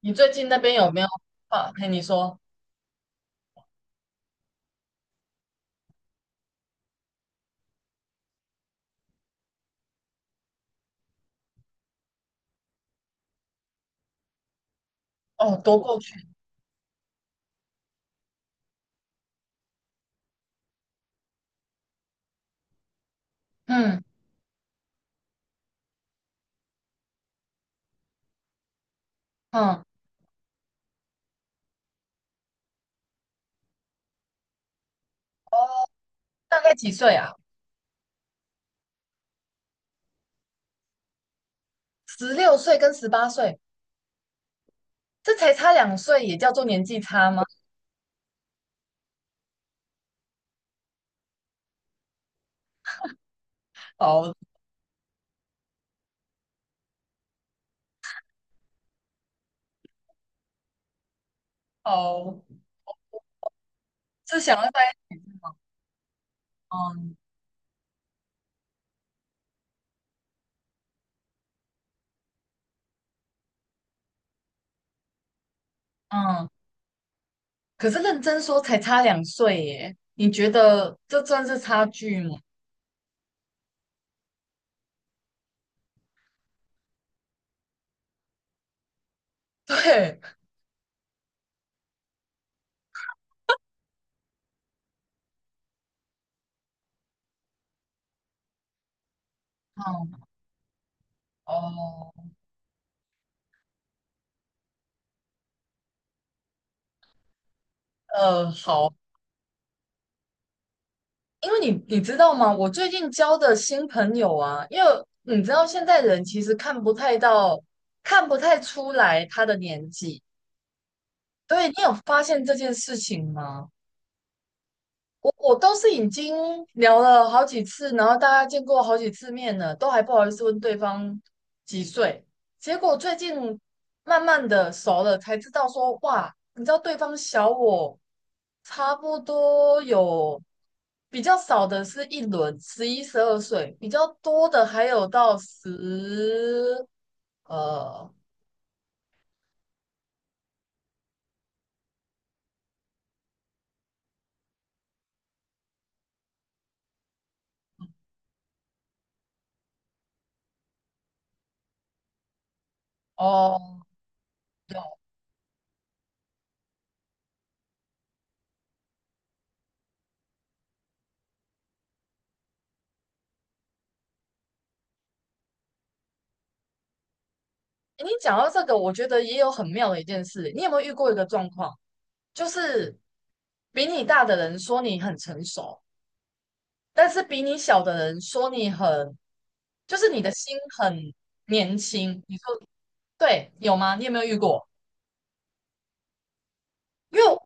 你最近那边有没有啊？嘿，你说。哦，都过去。嗯嗯。哦，大概几岁啊？十六岁跟18岁。这才差两岁，也叫做年纪差吗？哦哦，是想要在一起是吗？嗯嗯。可是认真说才差两岁耶，你觉得这算是差距吗？对。嗯。哦。好。因为你知道吗？我最近交的新朋友啊，因为你知道现在人其实看不太到，看不太出来他的年纪。对，你有发现这件事情吗？我都是已经聊了好几次，然后大家见过好几次面了，都还不好意思问对方几岁。结果最近慢慢的熟了，才知道说哇，你知道对方小我差不多有。比较少的是一轮11、12岁，比较多的还有到十。呃哦。你讲到这个，我觉得也有很妙的一件事。你有没有遇过一个状况，就是比你大的人说你很成熟，但是比你小的人说你很，就是你的心很年轻。你说对，有吗？你有没有遇过？因为我。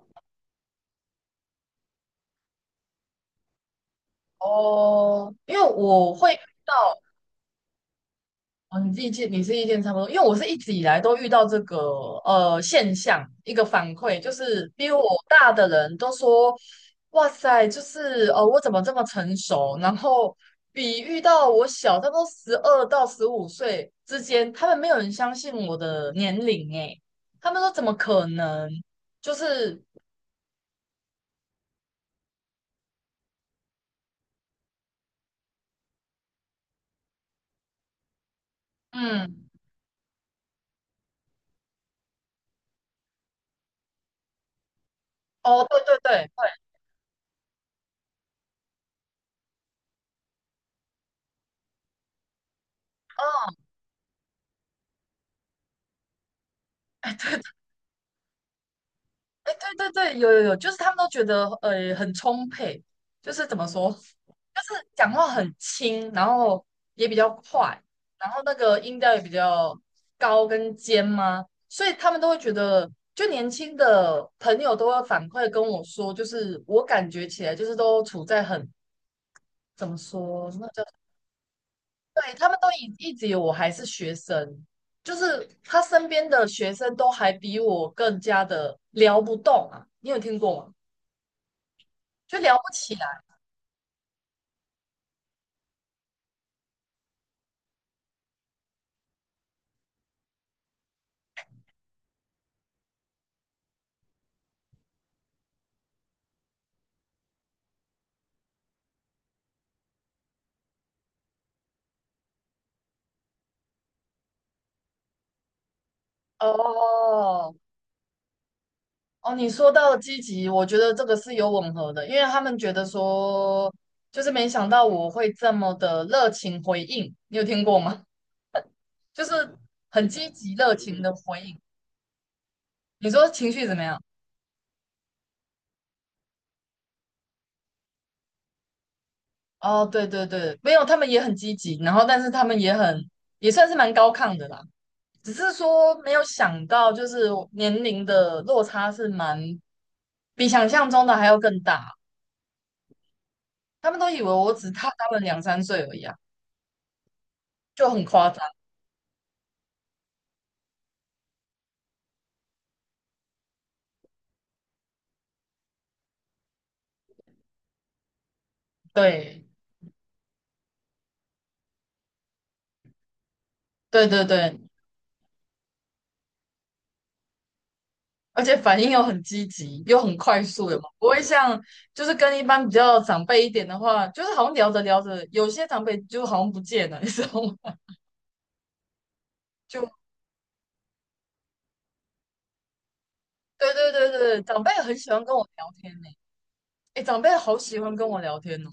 哦，因为我会遇到。哦，你自己见，你是意见差不多，因为我是一直以来都遇到这个现象，一个反馈就是，比我大的人都说，哇塞，就是我怎么这么成熟？然后比遇到我小，他不多十二到15岁之间，他们没有人相信我的年龄诶，他们说怎么可能？就是。嗯。哦，对对对对。哦。哎，对。哎，对对对，有有有，就是他们都觉得很充沛，就是怎么说，就是讲话很轻，然后也比较快，然后那个音调也比较高跟尖嘛，所以他们都会觉得，就年轻的朋友都会反馈跟我说，就是我感觉起来就是都处在很怎么说，那叫对他们都一直以为我还是学生，就是他身边的学生都还比我更加的聊不动啊，你有听过吗？就聊不起来。哦。哦，你说到积极，我觉得这个是有吻合的，因为他们觉得说，就是没想到我会这么的热情回应，你有听过吗？就是很积极热情的回应。你说情绪怎么样？哦，对对对，没有，他们也很积极，然后但是他们也很也算是蛮高亢的啦，只是说没有想到，就是年龄的落差是蛮比想象中的还要更大。他们都以为我只大他们两三岁而已啊，就很夸张。对，对对对，而且反应又很积极，又很快速的嘛，不会像就是跟一般比较长辈一点的话，就是好像聊着聊着，有些长辈就好像不见了，你知道吗？就对对对对，长辈很喜欢跟我聊天呢、欸哎，长辈好喜欢跟我聊天哦。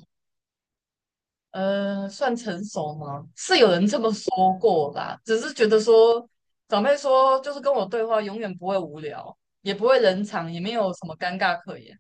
算成熟吗？是有人这么说过啦，只是觉得说长辈说，就是跟我对话永远不会无聊，也不会冷场，也没有什么尴尬可言。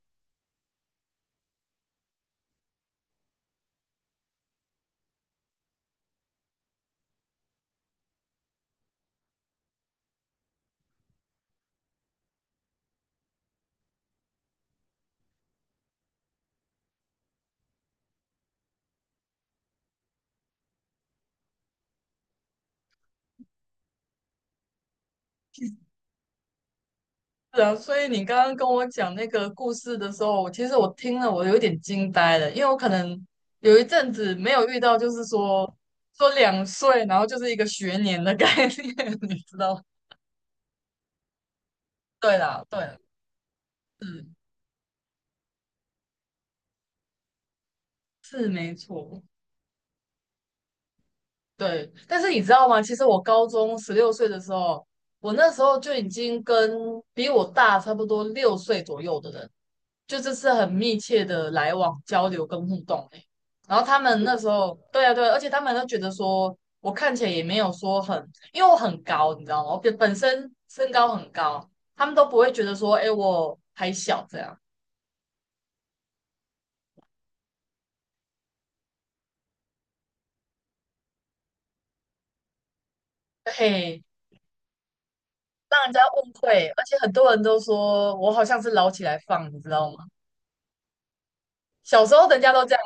是啊，所以你刚刚跟我讲那个故事的时候，其实我听了我有点惊呆了，因为我可能有一阵子没有遇到，就是说说两岁，然后就是一个学年的概念，你知道吗对啦，对啦，是是没错。对，但是你知道吗？其实我高中十六岁的时候，我那时候就已经跟比我大差不多六岁左右的人，就这是很密切的来往、交流跟互动欸。然后他们那时候，对啊，对啊而且他们都觉得说我看起来也没有说很，因为我很高，你知道吗？我本身身高很高，他们都不会觉得说，哎，我还小这样，嘿，让人家误会。而且很多人都说我好像是捞起来放，你知道吗？小时候人家都这样。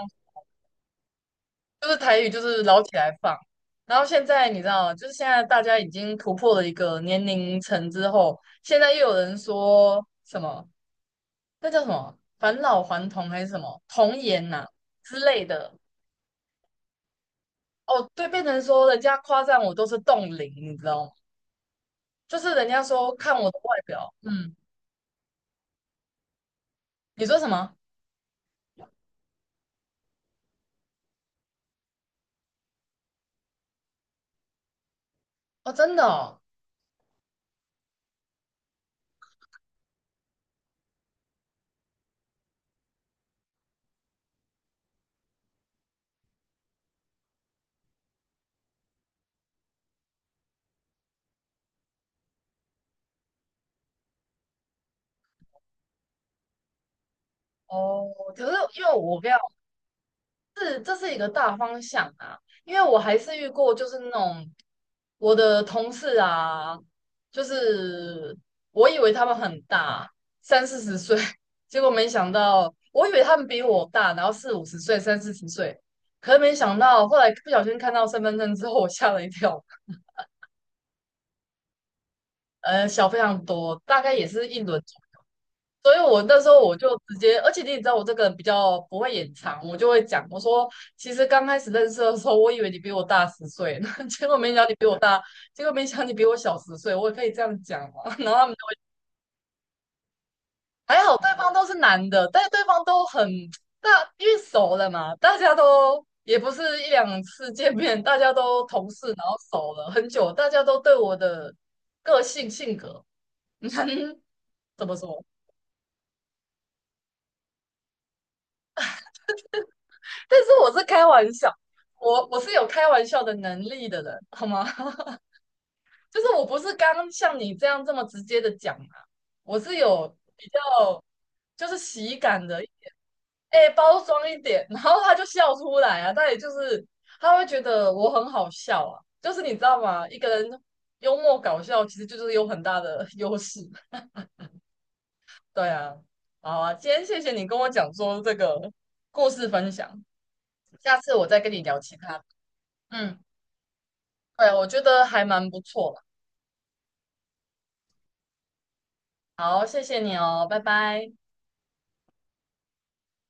就是台语就是捞起来放。然后现在你知道，就是现在大家已经突破了一个年龄层之后，现在又有人说什么那叫什么返老还童还是什么童颜呐、之类的。哦，对，变成说人家夸赞我都是冻龄，你知道吗？就是人家说看我的外表，嗯。你说什么？哦，真的哦。哦，可是因为我比要是这是一个大方向啊，因为我还是遇过就是那种我的同事啊，就是我以为他们很大，三四十岁，结果没想到，我以为他们比我大，然后四五十岁、三四十岁，可是没想到，后来不小心看到身份证之后，我吓了一跳，小非常多，大概也是一轮。所以我那时候我就直接，而且你也知道我这个人比较不会隐藏，我就会讲，我说其实刚开始认识的时候，我以为你比我大十岁 结果没想到你比我大，结果没想到你比我小十岁，我也可以这样讲嘛。然后他们就还好，对方都是男的，但是对方都很大，因为熟了嘛，大家都也不是一两次见面，大家都同事，然后熟了很久，大家都对我的个性性格 怎么说？但是我是开玩笑，我是有开玩笑的能力的人，好吗？就是我不是刚像你这样这么直接的讲嘛，我是有比较就是喜感的，哎、包装一点，然后他就笑出来啊，他也就是他会觉得我很好笑啊，就是你知道吗？一个人幽默搞笑其实就是有很大的优势，对啊，好啊，今天谢谢你跟我讲说这个故事分享，下次我再跟你聊其他的嗯。对，我觉得还蛮不错的。好，谢谢你哦，拜拜。